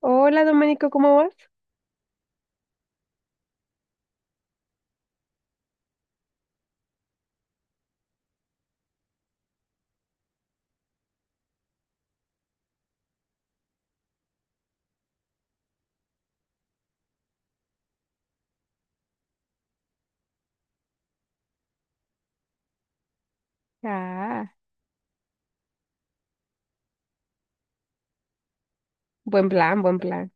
Hola, Domenico, ¿cómo vas? Ah, buen plan, buen plan.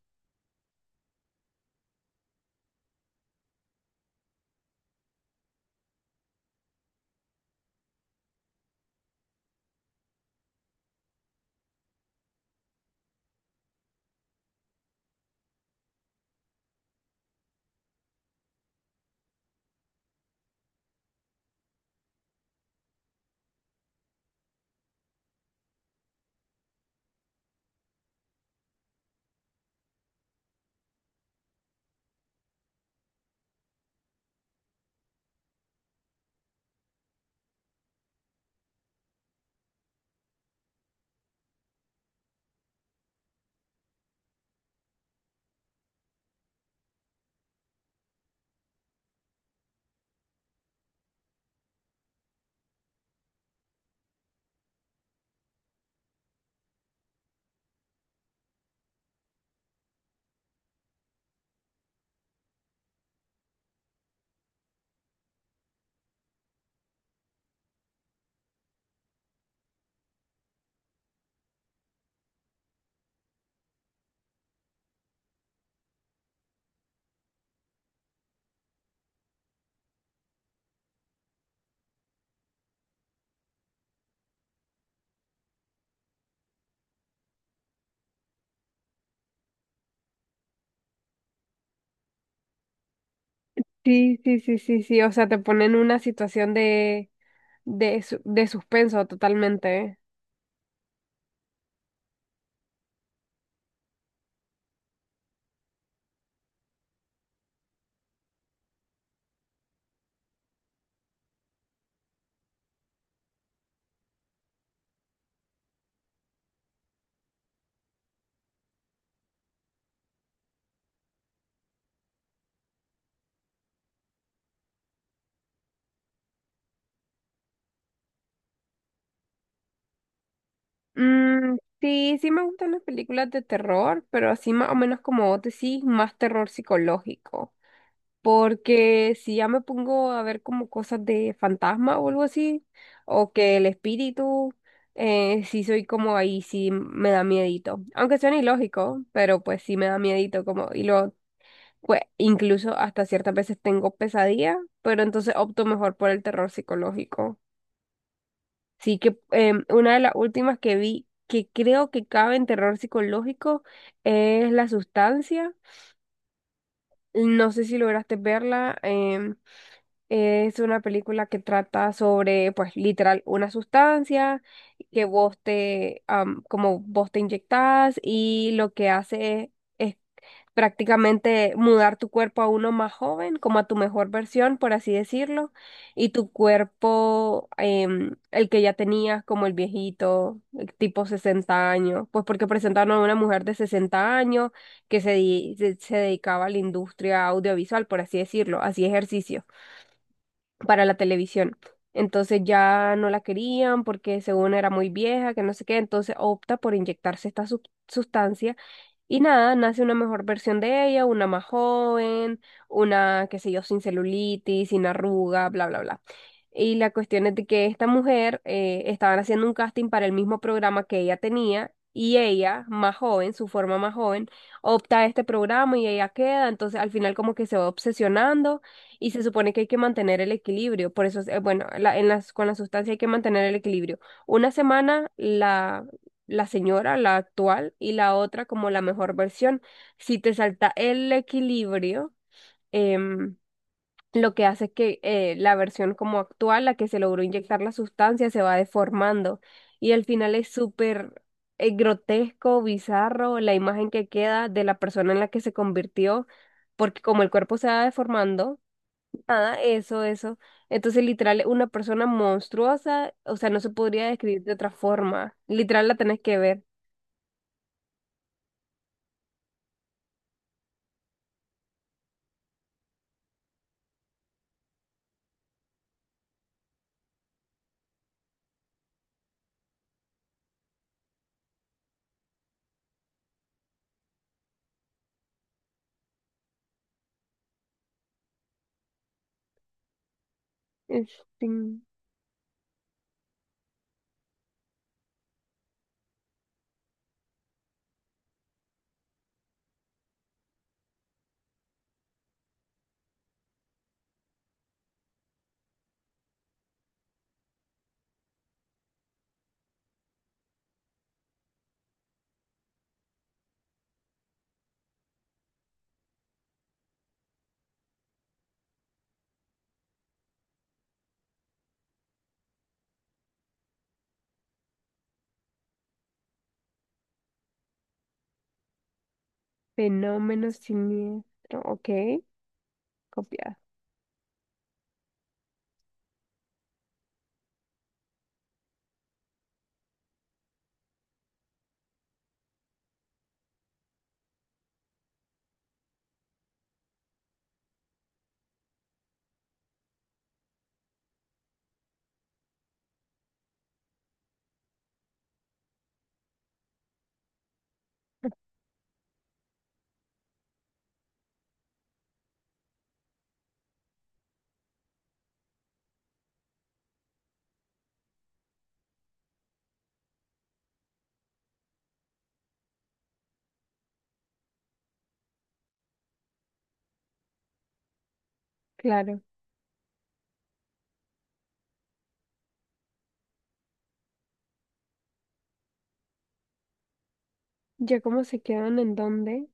Sí, sí, sí, sí, sí. O sea, te ponen en una situación de suspenso totalmente. Mm, sí, sí me gustan las películas de terror, pero así más o menos como vos decís, más terror psicológico. Porque si ya me pongo a ver como cosas de fantasma o algo así, o que el espíritu, sí soy como ahí, sí me da miedito. Aunque suene ilógico, pero pues sí me da miedito como, y lo Pues incluso hasta ciertas veces tengo pesadillas, pero entonces opto mejor por el terror psicológico. Sí que una de las últimas que vi que creo que cabe en terror psicológico es La Sustancia. No sé si lograste verla. Es una película que trata sobre, pues literal, una sustancia que vos te inyectás y lo que hace es prácticamente mudar tu cuerpo a uno más joven, como a tu mejor versión, por así decirlo, y tu cuerpo, el que ya tenías como el viejito, el tipo 60 años, pues porque presentaron a una mujer de 60 años que se dedicaba a la industria audiovisual, por así decirlo, hacía ejercicio para la televisión. Entonces ya no la querían porque según era muy vieja, que no sé qué, entonces opta por inyectarse esta sustancia y nada, nace una mejor versión de ella, una más joven, una, qué sé yo, sin celulitis, sin arruga, bla, bla, bla. Y la cuestión es de que esta mujer estaban haciendo un casting para el mismo programa que ella tenía y ella, más joven, su forma más joven, opta a este programa y ella queda, entonces al final como que se va obsesionando y se supone que hay que mantener el equilibrio, por eso, bueno, con la sustancia hay que mantener el equilibrio. Una semana la señora, la actual, y la otra como la mejor versión. Si te salta el equilibrio, em, lo que hace es que la versión como actual, la que se logró inyectar la sustancia, se va deformando. Y al final es súper grotesco, bizarro, la imagen que queda de la persona en la que se convirtió, porque como el cuerpo se va deformando, nada, eso, eso. Entonces, literal, es una persona monstruosa, o sea, no se podría describir de otra forma. Literal, la tenés que ver. Este fenómeno siniestro. Ok, copiado. Claro. ¿Ya cómo se quedan en dónde?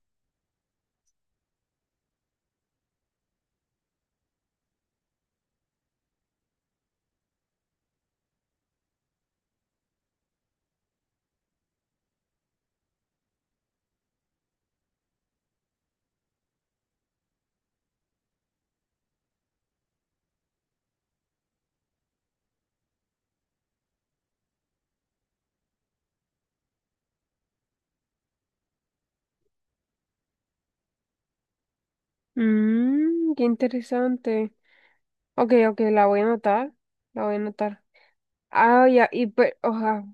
Mmm, qué interesante. Ok, ok, la voy a anotar. La voy a anotar. Ah, ya, y pues, oja,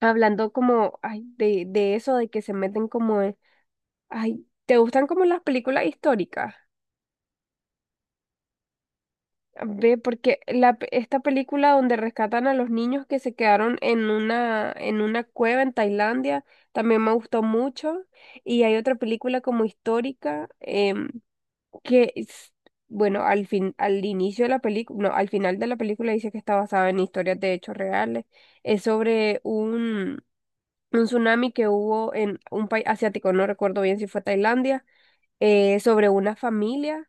hablando como, ay, de eso, de que se meten como en- Ay, ¿te gustan como las películas históricas? Ve, porque esta película donde rescatan a los niños que se quedaron en una cueva en Tailandia, también me gustó mucho. Y hay otra película como histórica, que es- bueno, al fin, al inicio de la película, no, al final de la película dice que está basada en historias de hechos reales. Es sobre un tsunami que hubo en un país asiático, no recuerdo bien si fue Tailandia sobre una familia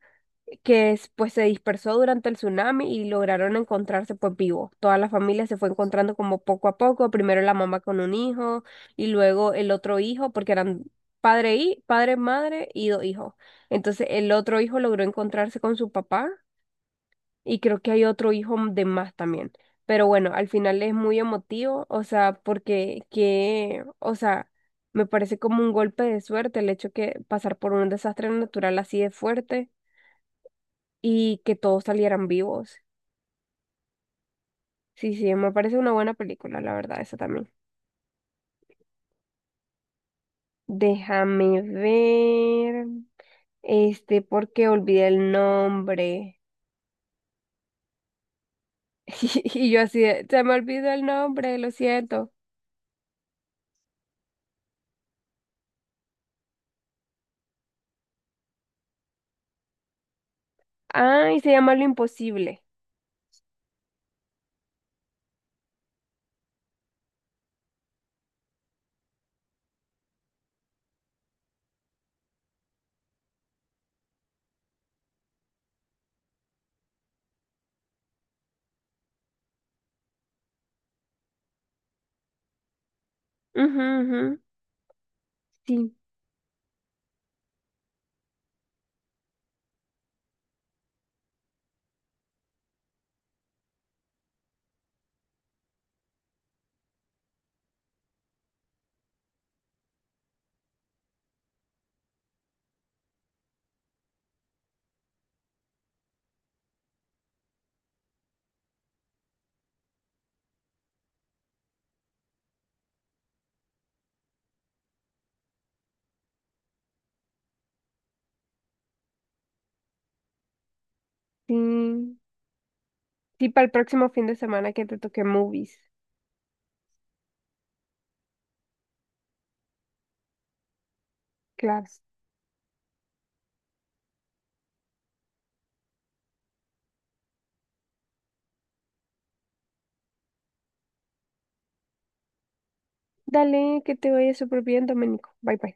pues se dispersó durante el tsunami y lograron encontrarse pues vivos. Toda la familia se fue encontrando como poco a poco, primero la mamá con un hijo y luego el otro hijo, porque eran padre, madre y 2 hijos. Entonces el otro hijo logró encontrarse con su papá y creo que hay otro hijo de más también. Pero bueno, al final es muy emotivo, o sea, porque que, o sea, me parece como un golpe de suerte el hecho que pasar por un desastre natural así de fuerte y que todos salieran vivos. Sí, sí, me parece una buena película, la verdad, esa también. Déjame ver, este, porque olvidé el nombre. Y yo así, de, se me olvidó el nombre, lo siento. Ay, se llama Lo Imposible. Ujú, ujú. Sí. Sí, sí, para el próximo fin de semana que te toque movies. Claro. Dale, que te vaya súper bien, Domenico. Bye bye.